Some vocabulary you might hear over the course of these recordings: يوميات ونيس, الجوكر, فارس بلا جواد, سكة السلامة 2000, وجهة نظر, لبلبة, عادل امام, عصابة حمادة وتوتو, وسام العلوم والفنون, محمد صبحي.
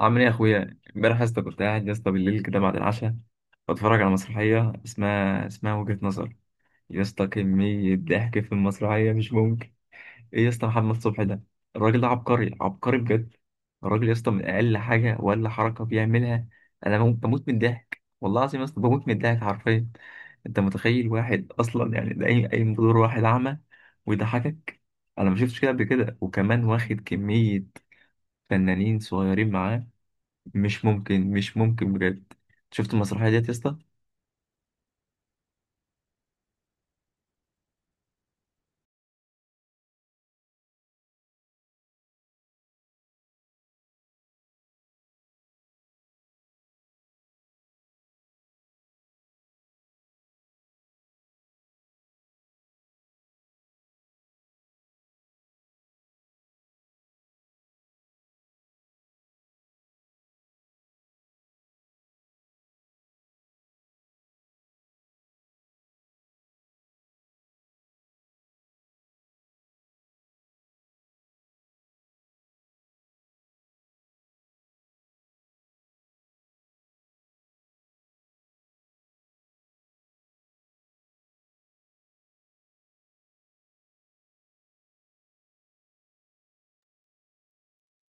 عامل ايه يا اخويا؟ امبارح يا اسطى كنت قاعد يا اسطى بالليل كده بعد العشاء بتفرج على مسرحيه اسمها وجهة نظر. يا اسطى، كميه ضحك في المسرحيه مش ممكن. ايه يا اسطى محمد صبحي ده؟ الراجل ده عبقري، عبقري بجد. الراجل يا اسطى من اقل حاجه ولا حركه بيعملها، انا بموت، بموت من الضحك. والله العظيم يا اسطى بموت من الضحك حرفيا. انت متخيل واحد اصلا، يعني ده اي بدور واحد اعمى ويضحكك؟ انا ما شفتش كده قبل كده، وكمان واخد كميه فنانين صغيرين معاه. مش ممكن، مش ممكن بجد. شفت المسرحية ديت يا اسطى؟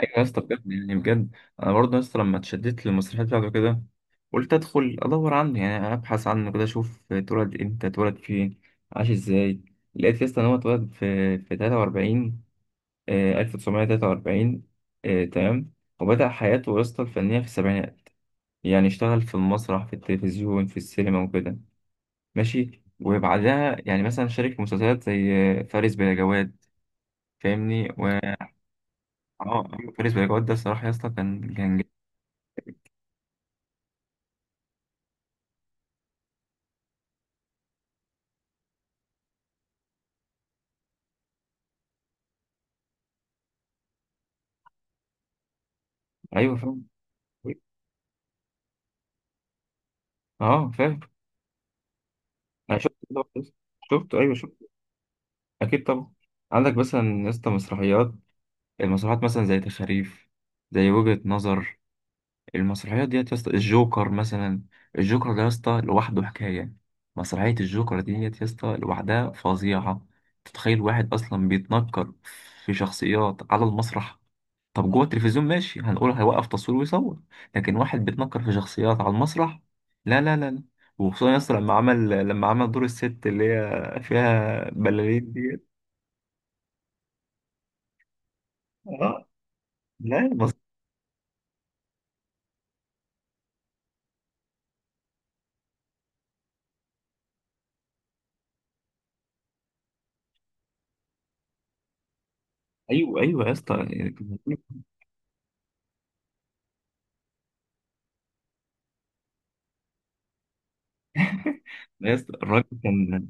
ايوه يا اسطى، بجد يعني بجد. انا برضه يا اسطى لما اتشددت للمسرحية بتاعته كده قلت ادخل ادور عنه، يعني ابحث عنه كده، اشوف اتولد امتى، اتولد فين، عاش ازاي. لقيت يا اسطى ان هو اتولد في 43، آه 1943. آه تمام. وبدأ حياته يا اسطى الفنية في السبعينات. يعني اشتغل في المسرح، في التلفزيون، في السينما وكده. ماشي. وبعدها يعني مثلا شارك في مسلسلات زي فارس بلا جواد. فاهمني؟ اه ايوه، فارس بيجوت ده الصراحه يا اسطى كان جامد. ايوه فاهم. اه فاهم. انا شفت كده بس. شفته، ايوه شفته. اكيد طبعا. عندك مثلا يا اسطى مسرحيات، المسرحيات مثلا زي تخاريف، زي وجهة نظر. المسرحيات ديت يا اسطى، الجوكر مثلا. الجوكر ده يا اسطى لوحده حكايه. مسرحيه الجوكر ديت يا اسطى لوحدها فظيعه. تتخيل واحد اصلا بيتنكر في شخصيات على المسرح؟ طب جوه التلفزيون ماشي، هنقول هيوقف تصوير ويصور، لكن واحد بيتنكر في شخصيات على المسرح، لا لا لا لا. وخصوصا ياسر لما عمل دور الست اللي هي فيها بلالين ديت. اه. لا بس. ايوه ايوه يا اسطى، يعني كنت بقولك، يا اسطى الراجل كان،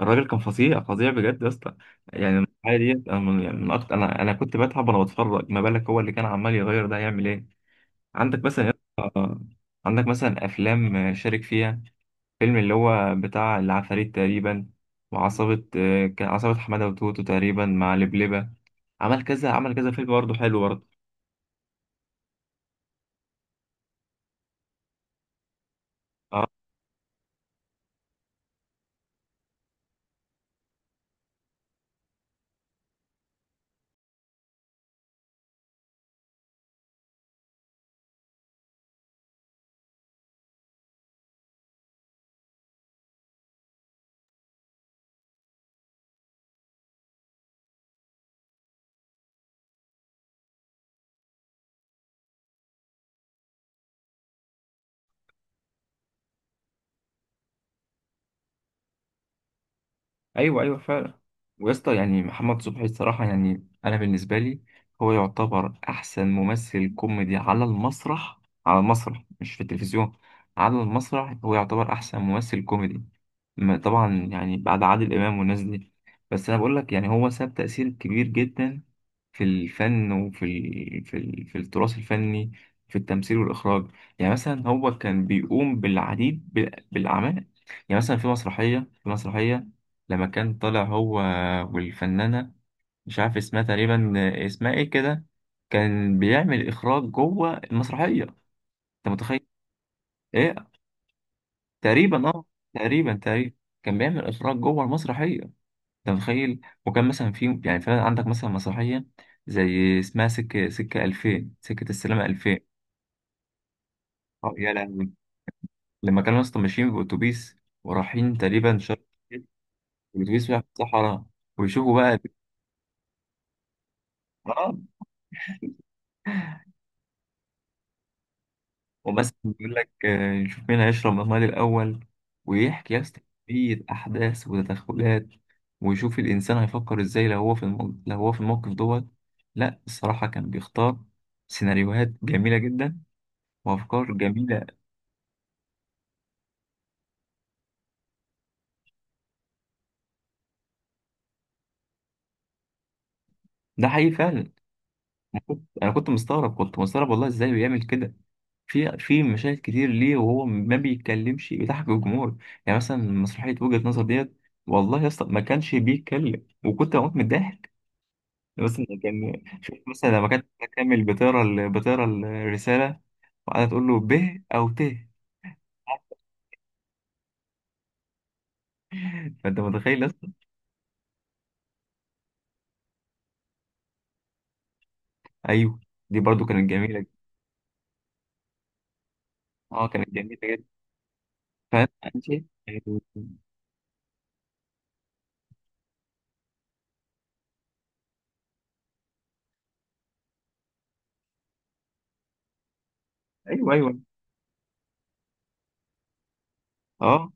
الراجل كان فظيع، فظيع بجد يا اسطى. يعني الحاجه ديت انا من أكتر، انا كنت بتعب وانا بتفرج، ما بالك هو اللي كان عمال يغير ده هيعمل ايه. عندك مثلا يا اسطى، عندك مثلا افلام شارك فيها، فيلم اللي هو بتاع العفاريت تقريبا، وعصابة كان عصابة حمادة وتوتو تقريبا مع لبلبة. عمل كذا، عمل كذا فيلم برضه، حلو برضه. اه ايوه، ايوه فعلا. ويا اسطى يعني محمد صبحي الصراحة، يعني انا بالنسبة لي هو يعتبر احسن ممثل كوميدي على المسرح. على المسرح مش في التلفزيون، على المسرح هو يعتبر احسن ممثل كوميدي. طبعا يعني بعد عادل امام والناس دي. بس انا بقول لك يعني هو ساب تأثير كبير جدا في الفن، وفي في التراث الفني، في التمثيل والإخراج. يعني مثلا هو كان بيقوم بالأعمال. يعني مثلا في مسرحية لما كان طالع هو والفنانة، مش عارف اسمها تقريبا، اسمها ايه كده، كان بيعمل إخراج جوه المسرحية، أنت متخيل؟ ايه، تقريبا اه، تقريبا تقريبا. كان بيعمل إخراج جوه المسرحية، انت متخيل؟ وكان مثلا في، يعني فعلا عندك مثلا مسرحيه زي اسمها سكه 2000، سكه السلامه 2000. اه يا لهوي! لما كانوا اصلا ماشيين باوتوبيس، ورايحين تقريبا شرق، الاتوبيس رايح في الصحراء ويشوفوا بقى. اه. ومثلا بيقول لك نشوف مين هيشرب المال الاول. ويحكي يا اسطى كمية احداث وتدخلات، ويشوف الانسان هيفكر ازاي لو هو لو هو في الموقف دوت. لا الصراحه كان بيختار سيناريوهات جميله جدا، وافكار جميله. ده حقيقي فعلا. أنا كنت مستغرب، كنت مستغرب، والله ازاي بيعمل كده. في مشاهد كتير ليه وهو ما بيتكلمش بيضحك الجمهور. يعني مثلا مسرحية وجهة نظر ديت، والله يا اسطى ما كانش بيتكلم وكنت بموت من الضحك. مثلا كان شوف مثلا لما كانت كامل بتقرا الرسالة وقعدت تقول له ب أو ت، فأنت متخيل يا اسطى؟ أيوه، دي برضو كانت جميلة جدا. أه كانت جميلة جدا. فأنت أنت- أيوه. أيوه، أه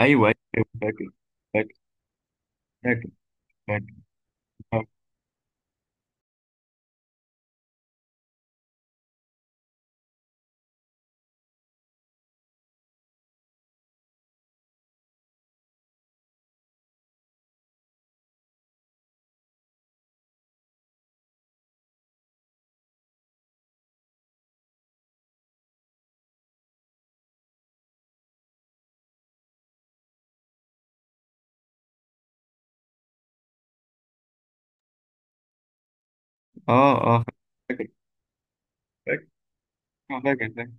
أيوه، أيوه فاكر، فاكر، فاكر. اه اه فاكر، فاكر. آه، فاكر فاكر.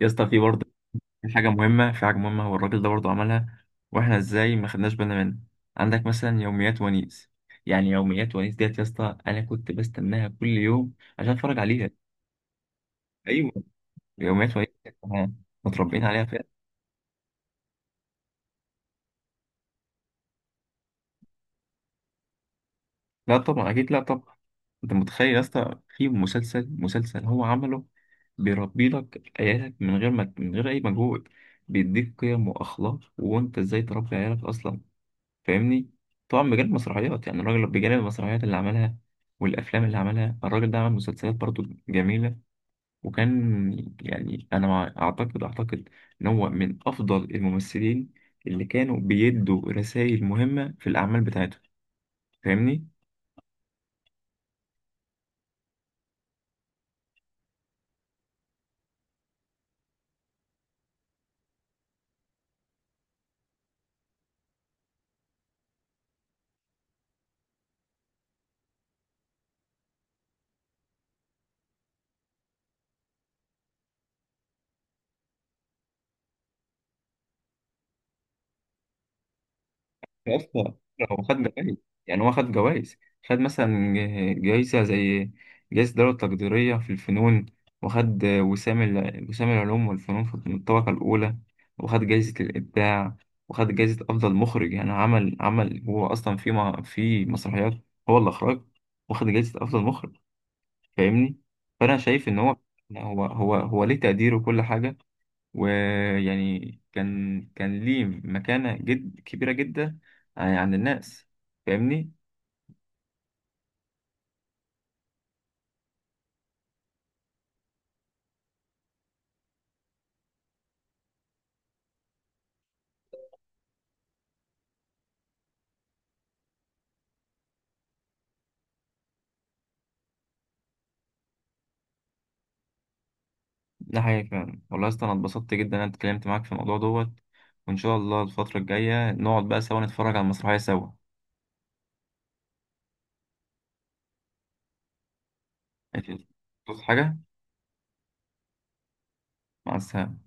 يا اسطى في برضه، في حاجة مهمة، في حاجة مهمة هو الراجل ده برضه عملها، واحنا ازاي ما خدناش بالنا منها. عندك مثلا يوميات ونيس. يعني يوميات ونيس ديت يا اسطى انا كنت بستناها كل يوم عشان اتفرج عليها. ايوه، يوميات ونيس، إحنا متربيين عليها فعلا. لا طبعا، اكيد لا طبعا. انت متخيل يا اسطى في مسلسل، مسلسل عمله بيربي لك عيالك، من غير اي مجهود، بيديك قيم واخلاق وانت ازاي تربي عيالك اصلا، فاهمني؟ طبعا بجانب المسرحيات، يعني الراجل بجانب المسرحيات اللي عملها والافلام اللي عملها، الراجل ده عمل مسلسلات برضو جميله. وكان يعني انا اعتقد ان هو من افضل الممثلين اللي كانوا بيدوا رسائل مهمه في الاعمال بتاعتهم، فاهمني؟ يا اسطى هو خد جوائز، يعني هو خد جوائز. خد مثلا جايزة زي جايزة الدولة التقديرية في الفنون، وخد وسام وسام العلوم والفنون في الطبقة الأولى، وخد جايزة الإبداع، وخد جايزة أفضل مخرج. يعني عمل هو أصلا في ما في مسرحيات هو اللي أخرج، واخد جايزة أفضل مخرج، فاهمني؟ فأنا شايف إن هو هو ليه تقدير وكل حاجة. ويعني كان ليه مكانة جد كبيرة جدا يعني عند الناس، فاهمني؟ ده حقيقي فعلا. والله يا اسطى انا اتبسطت جدا ان انا اتكلمت معاك في الموضوع دوت، وان شاء الله الفترة الجاية نقعد بقى سوا نتفرج على المسرحية سوا. ماشي. تقصد حاجة؟ مع السلامة.